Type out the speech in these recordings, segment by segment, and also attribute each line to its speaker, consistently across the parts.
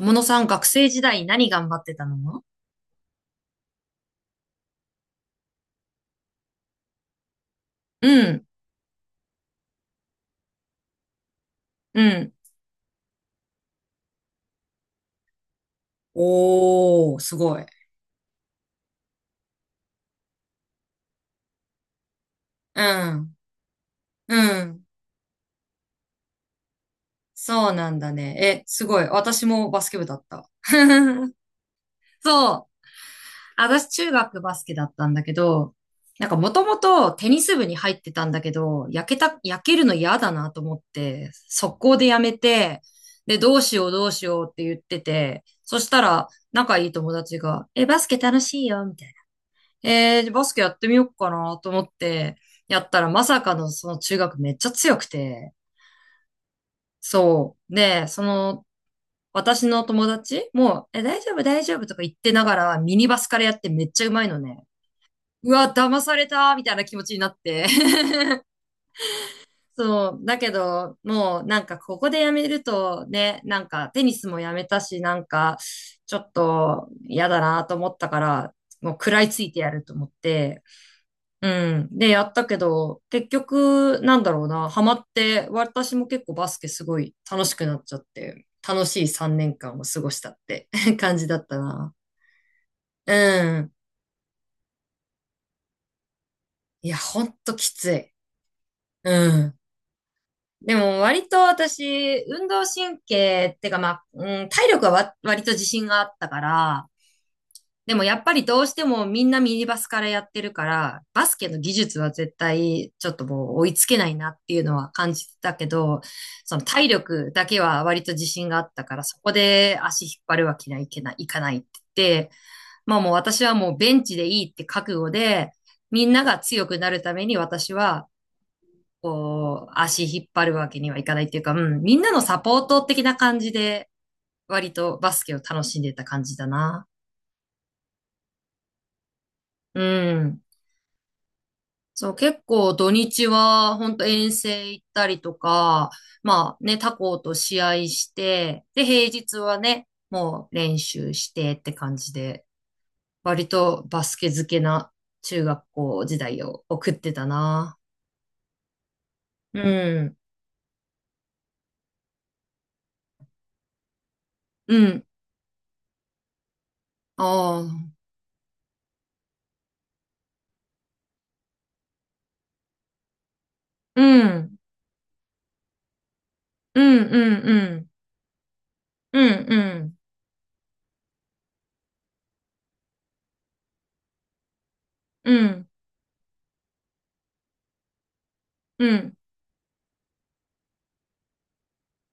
Speaker 1: 友野さん、学生時代何頑張ってたの？うん、うん。おー、すごい。うん、うん。そうなんだね。え、すごい。私もバスケ部だった。そう。私、中学バスケだったんだけど、なんかもともとテニス部に入ってたんだけど、焼けるの嫌だなと思って、速攻でやめて、で、どうしようどうしようって言ってて、そしたら仲いい友達が、え、バスケ楽しいよ、みたいな。バスケやってみようかなと思って、やったらまさかのその中学めっちゃ強くて、そう。で、私の友達も、え、大丈夫、大丈夫とか言ってながら、ミニバスからやってめっちゃうまいのね。うわ、騙されたみたいな気持ちになって。そう。だけど、もうなんかここでやめるとね、なんかテニスもやめたし、なんかちょっと嫌だなと思ったから、もう食らいついてやると思って、うん。で、やったけど、結局、なんだろうな、ハマって、私も結構バスケすごい楽しくなっちゃって、楽しい3年間を過ごしたって 感じだったな。うん。いや、ほんときつい。うん。でも、割と私、運動神経ってか、まあ、うん、体力は割と自信があったから、でもやっぱりどうしてもみんなミニバスからやってるから、バスケの技術は絶対ちょっともう追いつけないなっていうのは感じてたけど、その体力だけは割と自信があったから、そこで足引っ張るわけにはいかないって言って、まあもう私はもうベンチでいいって覚悟で、みんなが強くなるために私は、こう、足引っ張るわけにはいかないっていうか、うん、みんなのサポート的な感じで、割とバスケを楽しんでた感じだな。うん。そう、結構土日は本当遠征行ったりとか、まあね、他校と試合して、で、平日はね、もう練習してって感じで、割とバスケ漬けな中学校時代を送ってたな。うん、うん、ああ、うん、うん、うん、うん、うん、うん、うん、うん。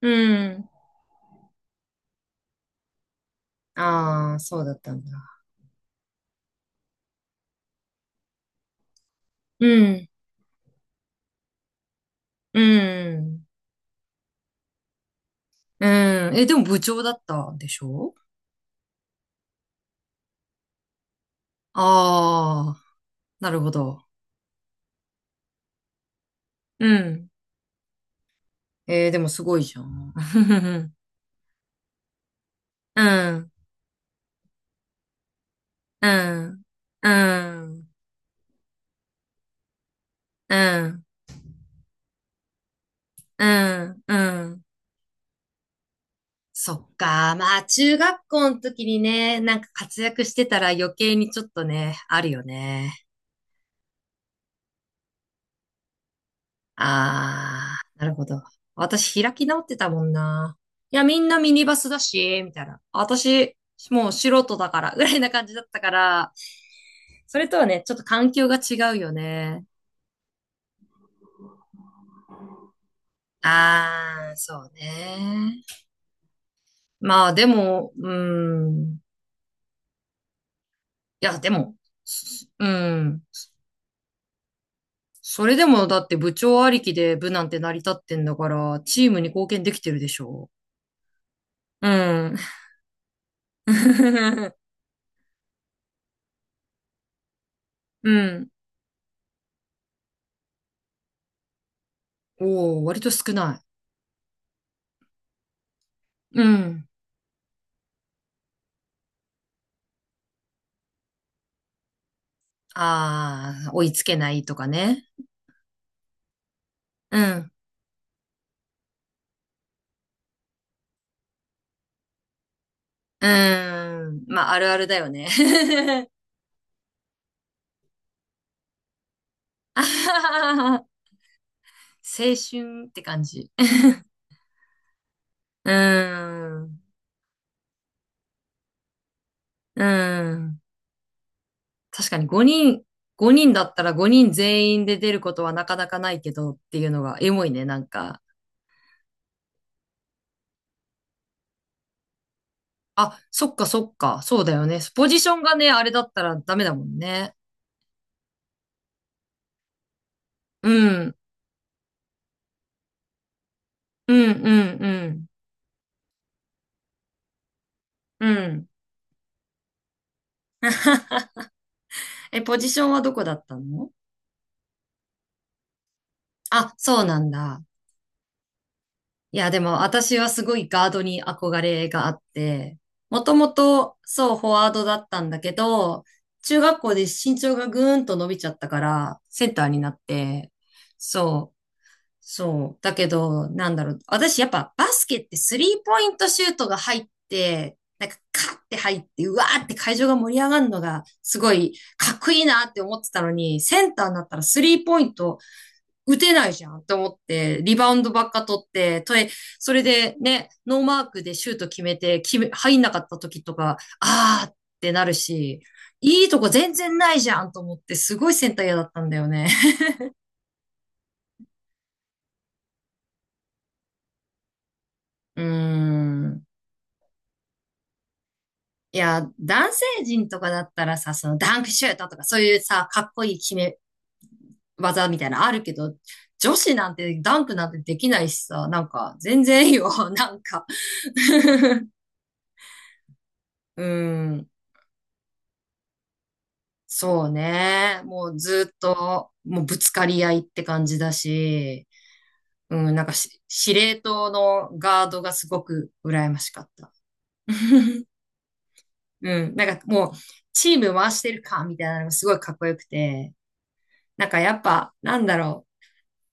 Speaker 1: うん。ああ、そうだったんだ。うん、うん、うん。え、でも部長だったんでしょ？ああ、なるほど。うん。えー、でもすごいじゃん。うん、うん、うん、うん、うん、うん。そっか。まあ、中学校の時にね、なんか活躍してたら余計にちょっとね、あるよね。ああ、なるほど。私開き直ってたもんな。いや、みんなミニバスだし、みたいな。私、もう素人だから、ぐらいな感じだったから、それとはね、ちょっと環境が違うよね。ああ、そうね。まあでも、うん。いや、でも、うん。それでもだって部長ありきで部なんて成り立ってんだから、チームに貢献できてるでしょ？うん。うん。おお、割と少ない。うん。ああ、追いつけないとかね。うん。うーん。まあ、あるあるだよね。あはははは。青春って感じ。うーん。うーん。確かに5人、5人だったら5人全員で出ることはなかなかないけどっていうのがエモいね、なんか。あ、そっかそっか、そうだよね。ポジションがね、あれだったらダメだもんね。うん、うん、うん、うん、うん。え、ポジションはどこだったの？あ、そうなんだ。いや、でも私はすごいガードに憧れがあって、もともとそう、フォワードだったんだけど、中学校で身長がぐーんと伸びちゃったから、センターになって、そう。そう。だけど、なんだろう。私やっぱバスケってスリーポイントシュートが入って、なんかカッて入って、うわーって会場が盛り上がるのがすごいかっこいいなって思ってたのに、センターになったらスリーポイント打てないじゃんって思って、リバウンドばっか取って、それでね、ノーマークでシュート決めて、入んなかった時とか、あーってなるし、いいとこ全然ないじゃんと思って、すごいセンター嫌だったんだよね。うーん。いや、男性陣とかだったらさ、そのダンクシュートとかそういうさ、かっこいい決め技みたいなのあるけど、女子なんてダンクなんてできないしさ、なんか全然いいよ、なんか うん、そうね。もうずっと、もうぶつかり合いって感じだし、うん、なんか司令塔のガードがすごく羨ましかった。うん、なんかもう、チーム回してるかみたいなのがすごいかっこよくて、なんかやっぱ、なんだろ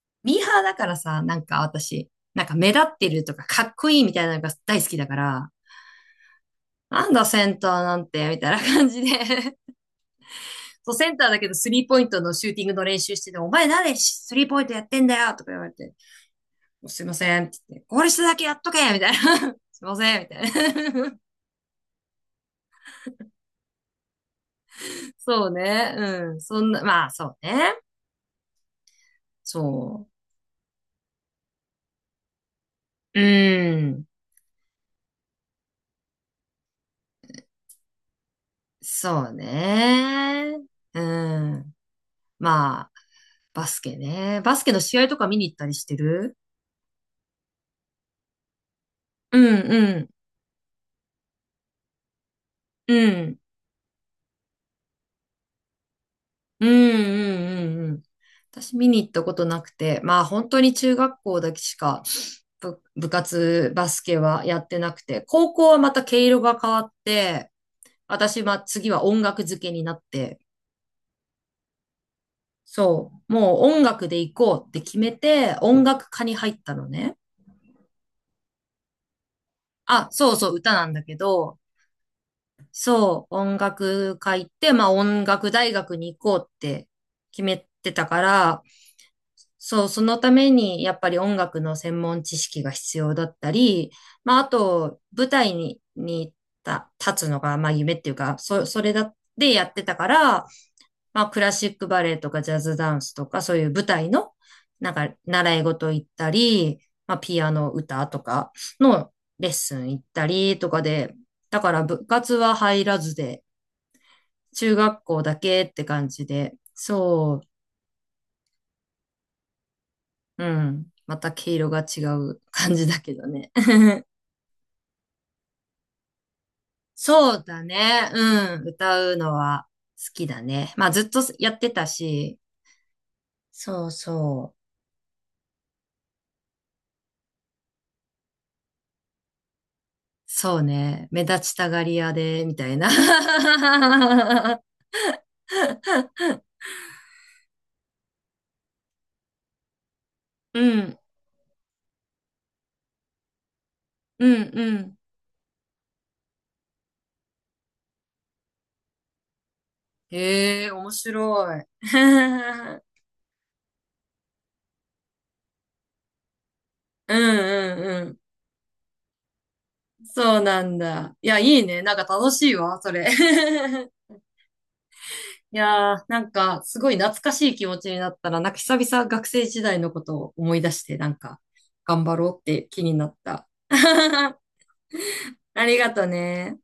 Speaker 1: う。ミーハーだからさ、なんか私、なんか目立ってるとかかっこいいみたいなのが大好きだから、なんだセンターなんて、みたいな感じで そう、センターだけどスリーポイントのシューティングの練習してて、お前何でスリーポイントやってんだよとか言われて、すいませんって言って、ゴール下だけやっとけみたいな。すいませんみたいな。そうね。うん。そんな、まあそうね。そう。うん。そうね。うん。まあ、バスケね。バスケの試合とか見に行ったりしてる？うんうんうんうんうんうんうん。私見に行ったことなくて、まあ本当に中学校だけしか部活、バスケはやってなくて、高校はまた毛色が変わって、私は次は音楽漬けになって、そう、もう音楽で行こうって決めて、音楽科に入ったのね。あ、そうそう、歌なんだけど、そう、音楽会行って、まあ音楽大学に行こうって決めてたから、そう、そのためにやっぱり音楽の専門知識が必要だったり、まああと舞台に立つのがまあ夢っていうか、それだでやってたから、まあクラシックバレエとかジャズダンスとかそういう舞台のなんか習い事行ったり、まあピアノ歌とかのレッスン行ったりとかで、だから部活は入らずで、中学校だけって感じで、そう、うん。また毛色が違う感じだけどね。そうだね。うん。歌うのは好きだね。まあずっとやってたし、そうそう。そうね。目立ちたがり屋で、みたいな。うん、うん、うん。へえ、面白い。うんうんうん。そうなんだ。いや、いいね。なんか楽しいわ、それ。いやー、なんか、すごい懐かしい気持ちになったら、なんか久々学生時代のことを思い出して、なんか、頑張ろうって気になった。ありがとね。